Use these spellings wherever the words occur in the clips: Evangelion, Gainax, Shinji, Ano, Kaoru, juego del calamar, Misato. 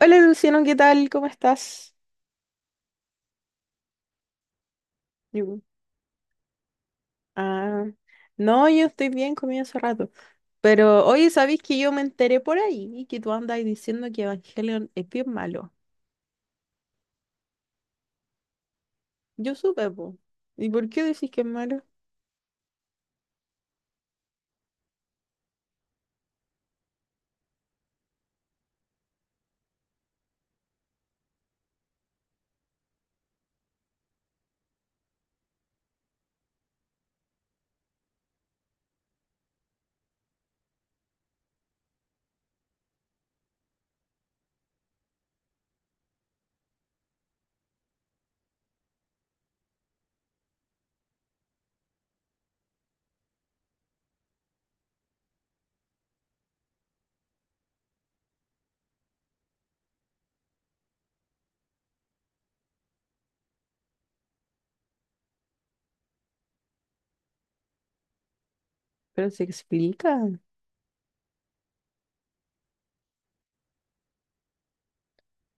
Hola Luciano, ¿qué tal? ¿Cómo estás? Yo, ah, no, yo estoy bien, comí hace rato. Pero oye, ¿sabéis que yo me enteré por ahí que tú andas diciendo que Evangelion es bien malo? Yo supe, po. ¿Y por qué decís que es malo? Pero se explica.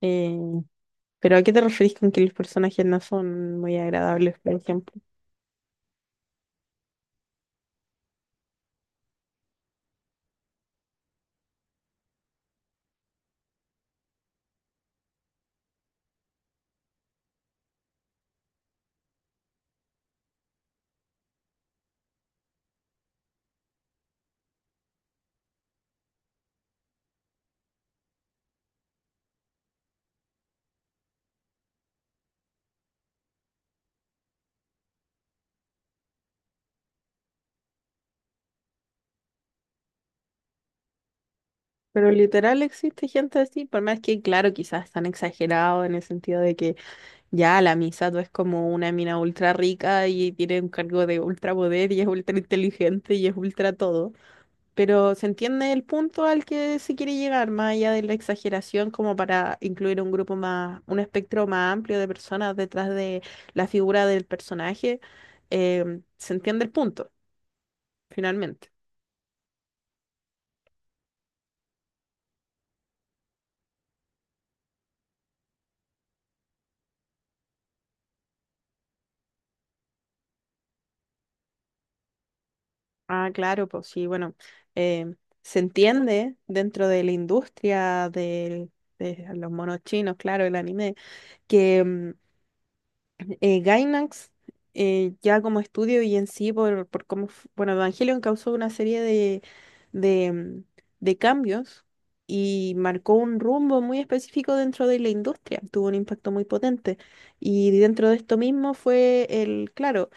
Eh, ¿Pero a qué te referís con que los personajes no son muy agradables, por ejemplo? Pero literal existe gente así, por más que, claro, quizás están exagerados en el sentido de que ya, la Misato es como una mina ultra rica y tiene un cargo de ultra poder y es ultra inteligente y es ultra todo. Pero se entiende el punto al que se quiere llegar, más allá de la exageración, como para incluir un grupo más, un espectro más amplio de personas detrás de la figura del personaje. Se entiende el punto, finalmente. Ah, claro, pues sí, bueno, eh, se entiende dentro de la industria de los monos chinos, claro, el anime que Gainax, ya como estudio y en sí, por cómo, bueno, Evangelion causó una serie de, mm, de cambios y marcó un rumbo muy específico dentro de la industria, tuvo un impacto muy potente. Y dentro de esto mismo fue el, claro,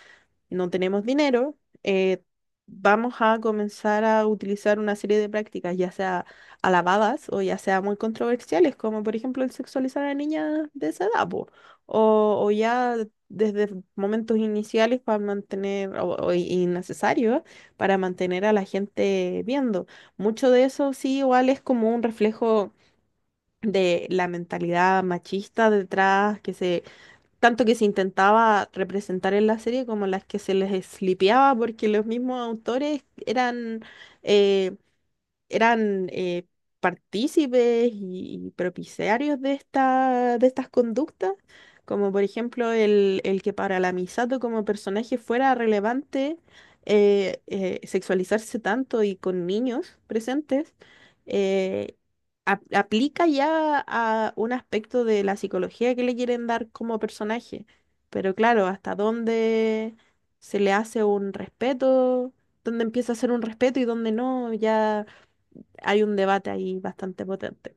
no tenemos dinero, vamos a comenzar a utilizar una serie de prácticas, ya sea alabadas o ya sea muy controversiales, como por ejemplo el sexualizar a niñas de esa edad, po, o ya desde momentos iniciales para mantener, o innecesarios, para mantener a la gente viendo. Mucho de eso sí igual es como un reflejo de la mentalidad machista detrás que se tanto que se intentaba representar en la serie como las que se les eslipeaba porque los mismos autores eh, eran partícipes y propiciarios de estas conductas, como por ejemplo el que para la Misato como personaje fuera relevante sexualizarse tanto y con niños presentes, eh, aplica ya a un aspecto de la psicología que le quieren dar como personaje. Pero claro, hasta dónde se le hace un respeto, dónde empieza a ser un respeto y dónde no, ya hay un debate ahí bastante potente.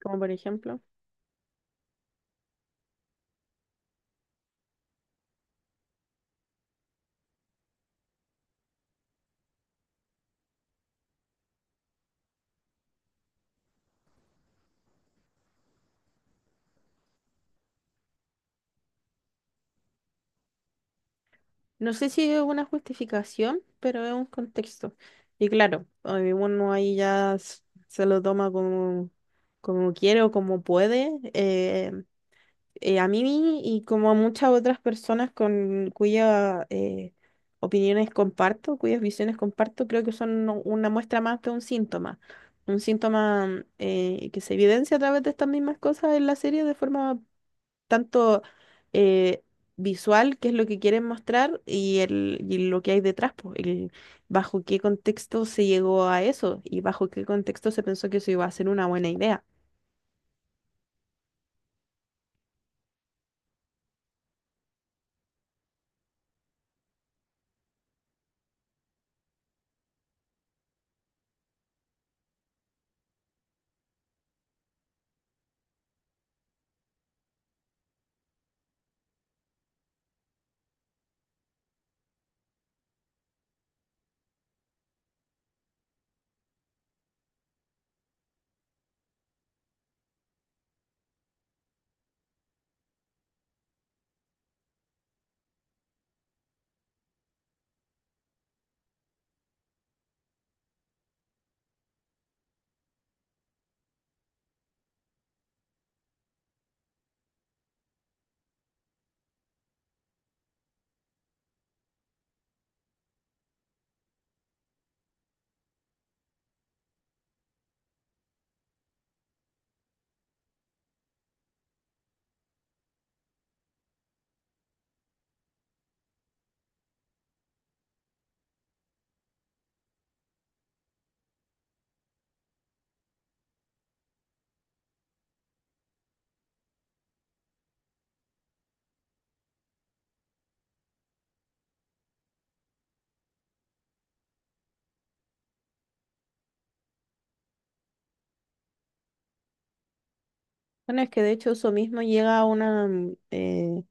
Como por ejemplo, no sé si es una justificación, pero es un contexto. Y claro, uno ahí ya se lo toma como quiere o como puede. A mí y como a muchas otras personas con cuyas opiniones comparto, cuyas visiones comparto, creo que son una muestra más de un síntoma. Un síntoma que se evidencia a través de estas mismas cosas en la serie de forma tanto eh, visual, qué es lo que quieren mostrar, y lo que hay detrás, pues, bajo qué contexto se llegó a eso y bajo qué contexto se pensó que eso iba a ser una buena idea. Bueno, es que de hecho eso mismo llega a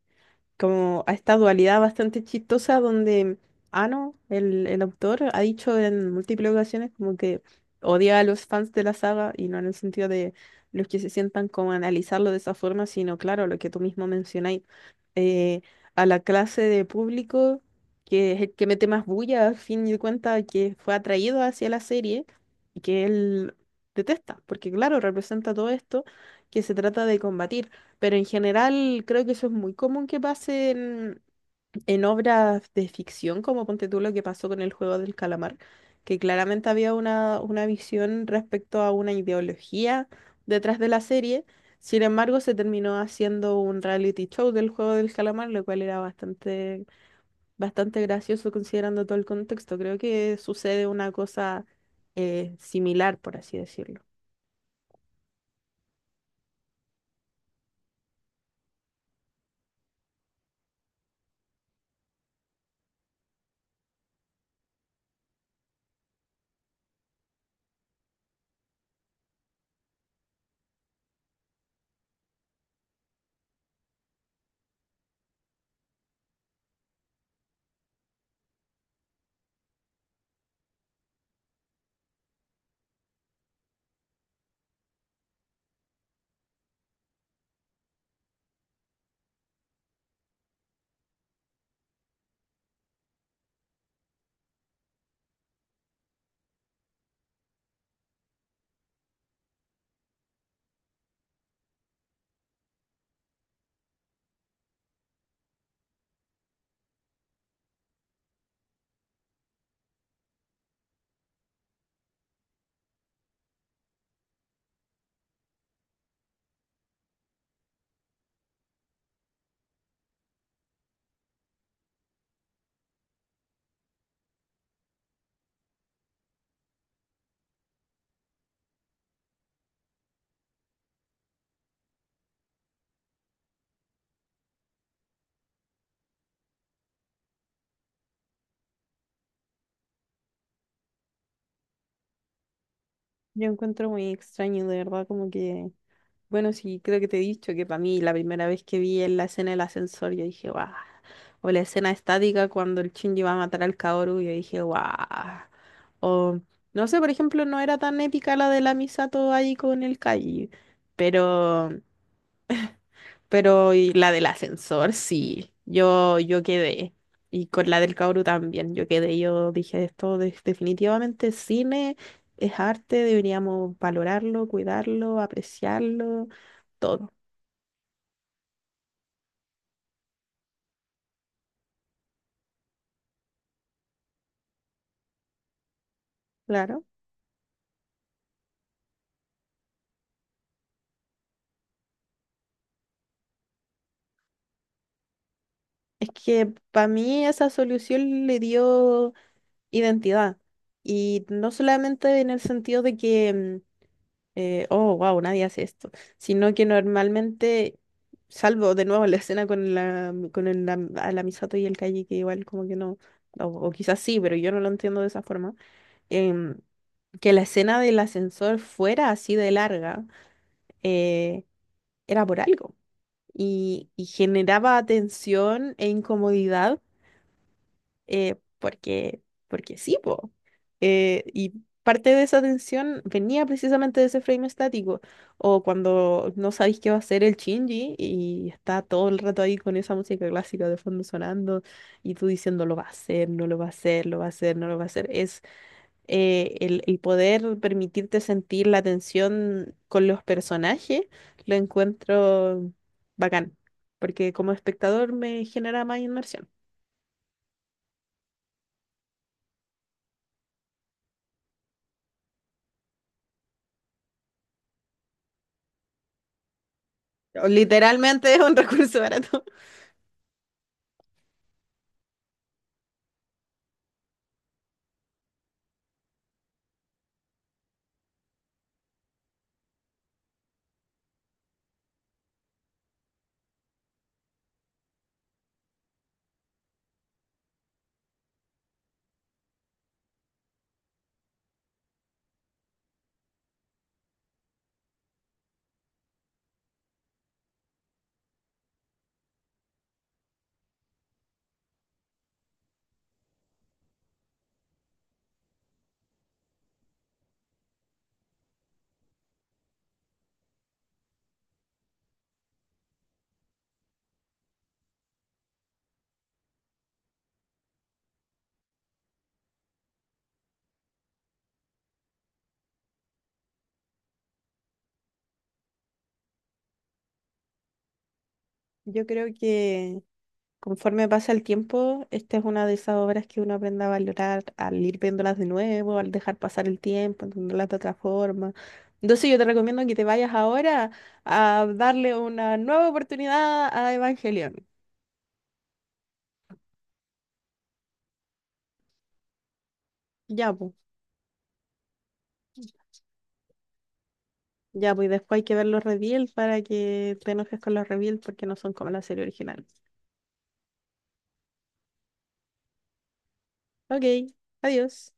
como a esta dualidad bastante chistosa donde Ano, el autor, ha dicho en múltiples ocasiones como que odia a los fans de la saga y no en el sentido de los que se sientan como a analizarlo de esa forma, sino claro, lo que tú mismo mencionáis, eh, a la clase de público que es el que mete más bulla, al fin y cuenta, que fue atraído hacia la serie y que él detesta, porque claro, representa todo esto que se trata de combatir. Pero en general creo que eso es muy común que pase en obras de ficción, como ponte tú lo que pasó con el juego del calamar, que claramente había una visión respecto a una ideología detrás de la serie. Sin embargo, se terminó haciendo un reality show del juego del calamar, lo cual era bastante, bastante gracioso considerando todo el contexto. Creo que sucede una cosa similar, por así decirlo. Yo encuentro muy extraño, de verdad, como que bueno, sí, creo que te he dicho que para mí la primera vez que vi en la escena del ascensor, yo dije, guau. O la escena estática cuando el Shinji va a matar al Kaoru, yo dije, guau. O, no sé, por ejemplo, no era tan épica la de la Misato ahí con el Kai, pero, pero y la del ascensor, sí, yo quedé. Y con la del Kaoru también, yo quedé. Yo dije, esto definitivamente es cine, es arte, deberíamos valorarlo, cuidarlo, apreciarlo todo. Claro, es que para mí esa solución le dio identidad. Y no solamente en el sentido de que, oh, wow, nadie hace esto, sino que normalmente, salvo de nuevo la escena con la, mm, con el, la, a la Misato y el Calle, que igual como que no, o quizás sí, pero yo no lo entiendo de esa forma, em, que la escena del ascensor fuera así de larga, eh, era por algo. Y generaba tensión e incomodidad, eh, porque, porque sí, po. Y parte de esa tensión venía precisamente de ese frame estático, o cuando no sabéis qué va a hacer el Shinji y está todo el rato ahí con esa música clásica de fondo sonando y tú diciendo lo va a hacer, no lo va a hacer, lo va a hacer, no lo va a hacer. Es el poder permitirte sentir la tensión con los personajes, lo encuentro bacán, porque como espectador me genera más inmersión. O literalmente es un recurso barato. Yo creo que conforme pasa el tiempo, esta es una de esas obras que uno aprende a valorar al ir viéndolas de nuevo, al dejar pasar el tiempo, entenderlas de otra forma. Entonces yo te recomiendo que te vayas ahora a darle una nueva oportunidad a Evangelion. Ya, pues. Ya, pues después hay que ver los reveals para que te enojes con los reveals porque no son como la serie original. Ok, adiós.